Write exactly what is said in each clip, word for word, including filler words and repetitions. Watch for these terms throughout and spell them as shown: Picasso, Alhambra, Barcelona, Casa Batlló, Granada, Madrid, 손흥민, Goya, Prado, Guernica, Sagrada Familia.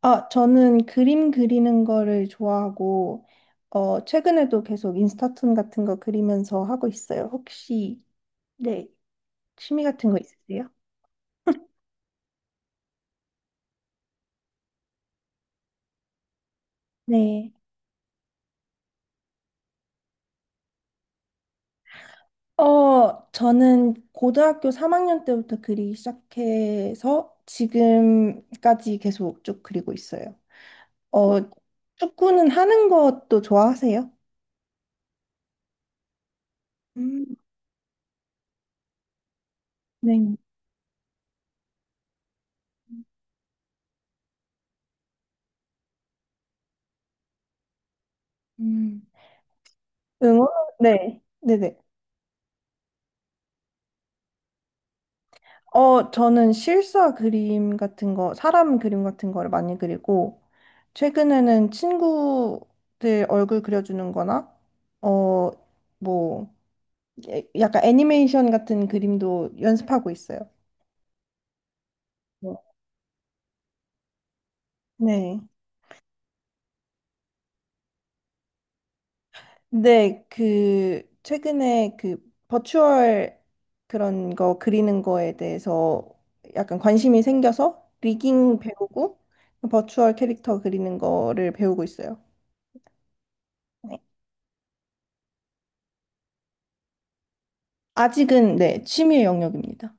아, 저는 그림 그리는 거를 좋아하고, 어, 최근에도 계속 인스타툰 같은 거 그리면서 하고 있어요. 혹시, 네, 취미 같은 거 있으세요? 네. 어, 저는 고등학교 삼 학년 때부터 그리기 시작해서 지금까지 계속 쭉 그리고 있어요. 어, 축구는 하는 것도 좋아하세요? 음, 네. 음. 응원? 네. 네네. 어, 저는 실사 그림 같은 거, 사람 그림 같은 거를 많이 그리고, 최근에는 친구들 얼굴 그려주는 거나, 어, 뭐, 예- 약간 애니메이션 같은 그림도 연습하고 있어요. 뭐. 네. 근데 그, 최근에 그, 버추얼 그런 거 그리는 거에 대해서 약간 관심이 생겨서, 리깅 배우고, 버추얼 캐릭터 그리는 거를 배우고 있어요. 아직은 네, 취미의 영역입니다.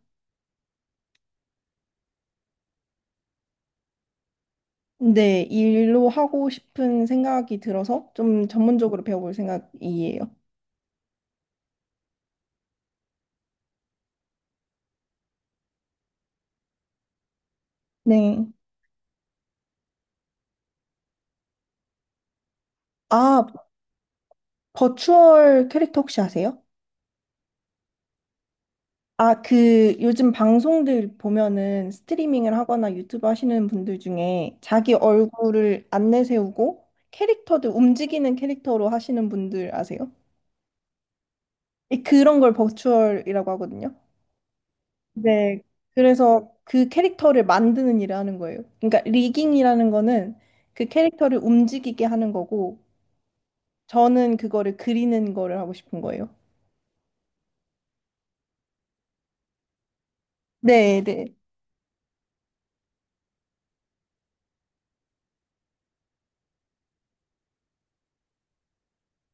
근데 일로 하고 싶은 생각이 들어서 좀 전문적으로 배워볼 생각이에요. 네. 아, 버추얼 캐릭터 혹시 아세요? 아, 그 요즘 방송들 보면은 스트리밍을 하거나 유튜브 하시는 분들 중에 자기 얼굴을 안 내세우고 캐릭터들 움직이는 캐릭터로 하시는 분들 아세요? 이- 그런 걸 버추얼이라고 하거든요. 네, 그래서 그 캐릭터를 만드는 일을 하는 거예요. 그러니까 리깅이라는 거는 그 캐릭터를 움직이게 하는 거고, 저는 그거를 그리는 거를 하고 싶은 거예요. 네, 네,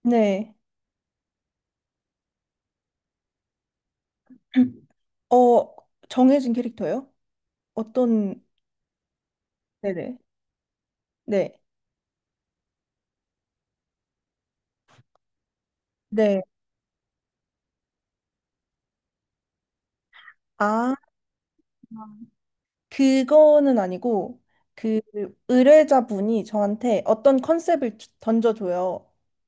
네. 어, 정해진 캐릭터요? 어떤, 네네, 네, 네. 아. 그거는 아니고 그 의뢰자분이 저한테 어떤 컨셉을 주- 던져줘요.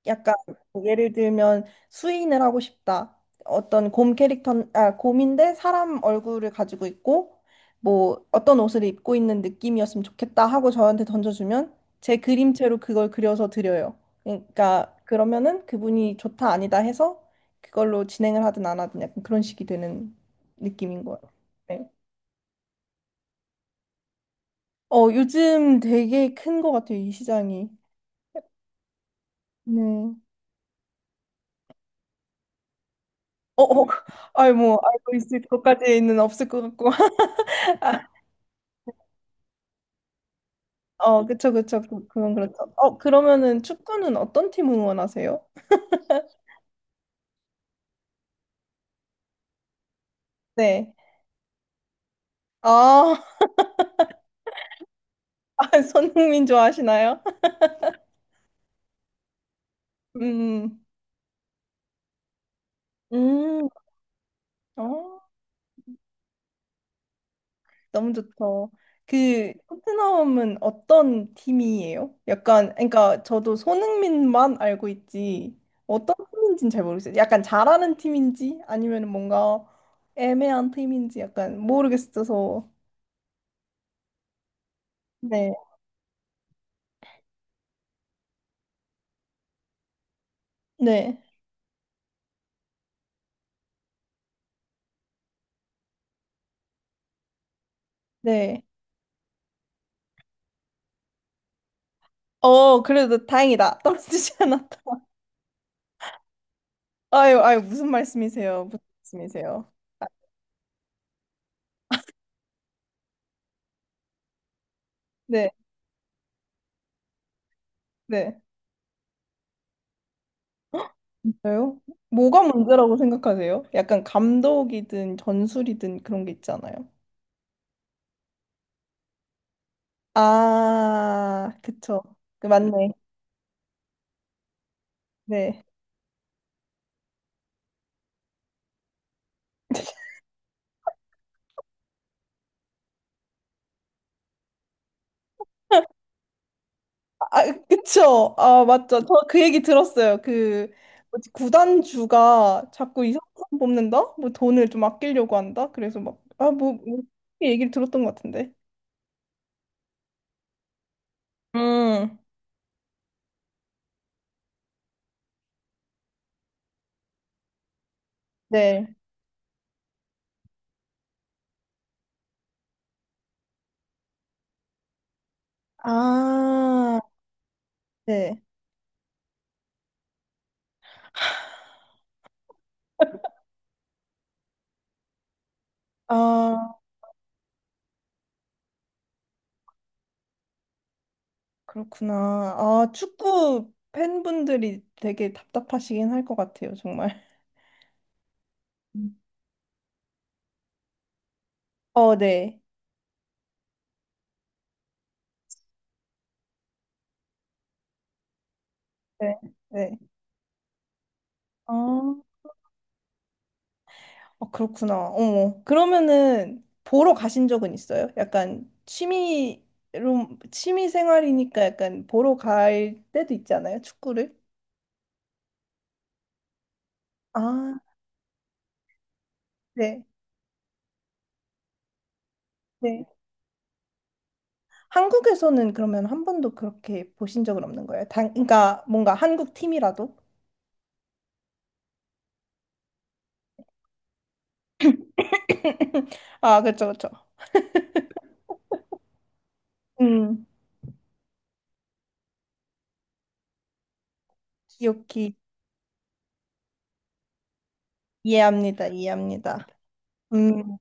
약간 뭐 예를 들면 수인을 하고 싶다. 어떤 곰 캐릭터, 아, 곰인데 사람 얼굴을 가지고 있고 뭐 어떤 옷을 입고 있는 느낌이었으면 좋겠다 하고 저한테 던져주면 제 그림체로 그걸 그려서 드려요. 그러니까 그러면은 그분이 좋다 아니다 해서 그걸로 진행을 하든 안 하든 약간 그런 식이 되는 느낌인 거예요. 네. 어, 요즘 되게 큰 것 같아요, 이 시장이. 네. 어, 어, 아이, 뭐, 알고 있을 것까지는 없을 것 같고. 아, 어, 그쵸, 그쵸. 그, 그건 그렇죠. 어, 그러면은 축구는 어떤 팀 응원하세요? 네. 아, 아, 손흥민 좋아하시나요? 음, 음, 어. 너무 좋죠. 그 토트넘은 어떤 팀이에요? 약간 그러니까 저도 손흥민만 알고 있지 어떤 팀인지는 잘 모르겠어요. 약간 잘하는 팀인지 아니면 뭔가 애매한 팀인지 약간 모르겠어서 네, 네, 네. 어 그래도 다행이다 떨어지지 않았다. 아유 아유 무슨 말씀이세요? 무슨 말씀이세요? 아, 네, 네. 진짜요? 뭐가 문제라고 생각하세요? 약간 감독이든 전술이든 그런 게 있잖아요. 아, 그쵸. 그 맞네. 네. 아, 아, 그쵸. 아, 맞죠. 저 그 얘기 들었어요. 그, 뭐지, 구단주가 자꾸 이상한 사람 뽑는다? 뭐 돈을 좀 아끼려고 한다? 그래서 막, 아, 뭐, 뭐 이렇게 얘기를 들었던 것 같은데. 음, 네. 아, 네. 아, 그렇구나. 아, 축구 팬분들이 되게 답답하시긴 할 것 같아요, 정말. 음. 어, 네. 네, 네. 아. 아, 그렇구나. 어. 그러면은 보러 가신 적은 있어요? 약간 취미로 취미 생활이니까 약간 보러 갈 때도 있잖아요, 축구를. 아, 네. 네. 한국에서는 그러면 한 번도 그렇게 보신 적은 없는 거예요? 당, 그러니까 뭔가 한국 팀이라도? 아, 그렇죠, 그렇죠. 음, 기억이 이해합니다, 이해합니다. 음,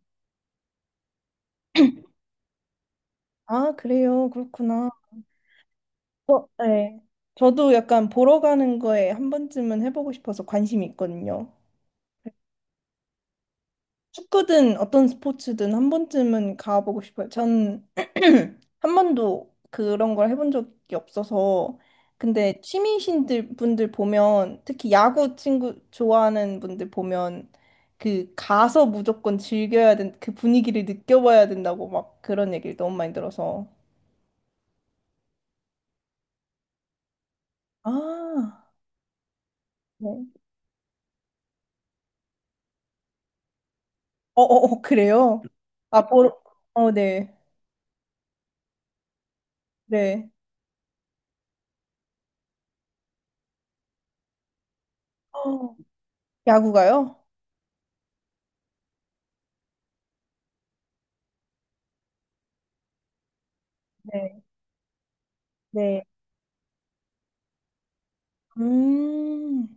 아, 그래요, 그렇구나. 어, 네. 저도 약간 보러 가는 거에 한 번쯤은 해보고 싶어서 관심이 있거든요. 축구든 어떤 스포츠든 한 번쯤은 가보고 싶어요. 전 한 번도 그런 걸 해본 적이 없어서. 근데 취미신들 분들 보면 특히 야구 친구 좋아하는 분들 보면 그 가서 무조건 즐겨야 된, 그 분위기를 느껴봐야 된다고 막 그런 얘기를 너무 많이 들어서. 아, 네. 어, 어, 어, 그래요? 아, 보러, 어, 네. 네. 어, 야구가요? 네, 네. 음,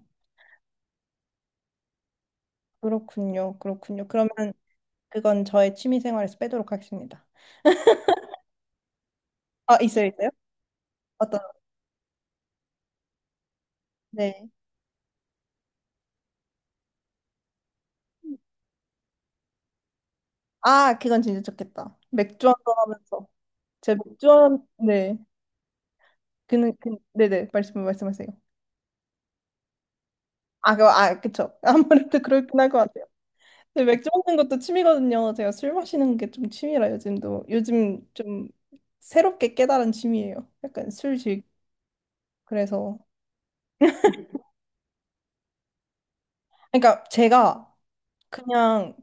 그렇군요. 그렇군요. 그러면 그건 저의 취미 생활에서 빼도록 하겠습니다. 아, 있어요, 있어요? 어떤, 네. 아, 그건 진짜 좋겠다. 맥주 한잔 하면서. 제 맥주 한, 네. 그는, 그, 네네. 말씀, 말씀하세요. 아, 그, 아, 그쵸. 아무래도 그렇긴 할 것 같아요. 근데 맥주 먹는 것도 취미거든요. 제가 술 마시는 게 좀 취미라 요즘도. 요즘 좀 새롭게 깨달은 취미예요. 약간 술 즐, 그래서. 그러니까 제가 그냥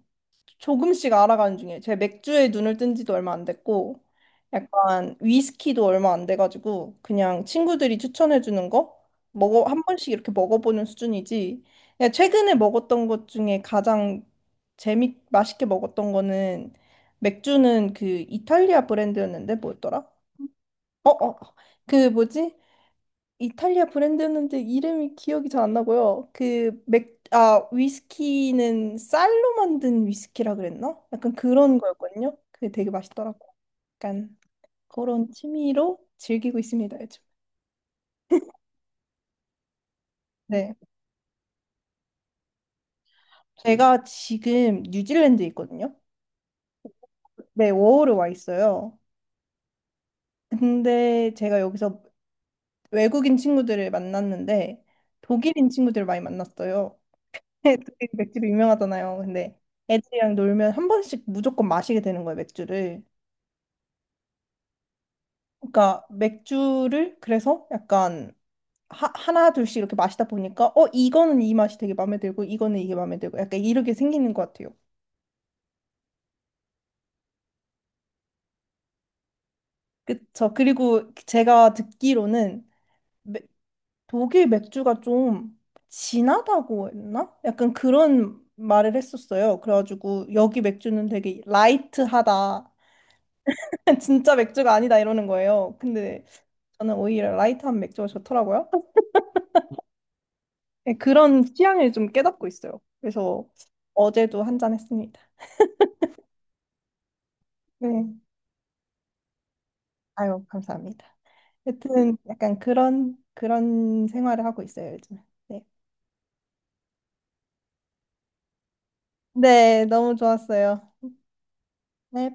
조금씩 알아가는 중에 제 맥주에 눈을 뜬 지도 얼마 안 됐고 약간 위스키도 얼마 안 돼가지고 그냥 친구들이 추천해주는 거 먹어 한 번씩 이렇게 먹어보는 수준이지 그냥 최근에 먹었던 것 중에 가장 재미 맛있게 먹었던 거는 맥주는 그 이탈리아 브랜드였는데 뭐였더라? 어어 그 뭐지? 이탈리아 브랜드였는데 이름이 기억이 잘 안 나고요. 그 맥, 아, 위스키는 쌀로 만든 위스키라 그랬나? 약간 그런 거였거든요. 그게 되게 맛있더라고요. 약간 그런 취미로 즐기고 있습니다, 요즘. 네. 제가 지금 뉴질랜드에 있거든요. 네, 워홀에 와 있어요. 근데 제가 여기서 외국인 친구들을 만났는데 독일인 친구들을 많이 만났어요. 애들이 맥주로 유명하잖아요. 근데 애들이랑 놀면 한 번씩 무조건 마시게 되는 거예요, 맥주를. 그러니까 맥주를 그래서 약간 하, 하나 둘씩 이렇게 마시다 보니까 어 이거는 이 맛이 되게 마음에 들고 이거는 이게 마음에 들고 약간 이렇게 생기는 것 같아요. 그쵸. 그리고 제가 듣기로는 메- 독일 맥주가 좀 진하다고 했나? 약간 그런 말을 했었어요. 그래가지고 여기 맥주는 되게 라이트하다. 진짜 맥주가 아니다 이러는 거예요. 근데 저는 오히려 라이트한 맥주가 좋더라고요. 네, 그런 취향을 좀 깨닫고 있어요. 그래서 어제도 한 잔 했습니다. 네. 아유, 감사합니다. 여튼 약간 그런 그런 생활을 하고 있어요, 요즘. 네. 네, 너무 좋았어요. 네.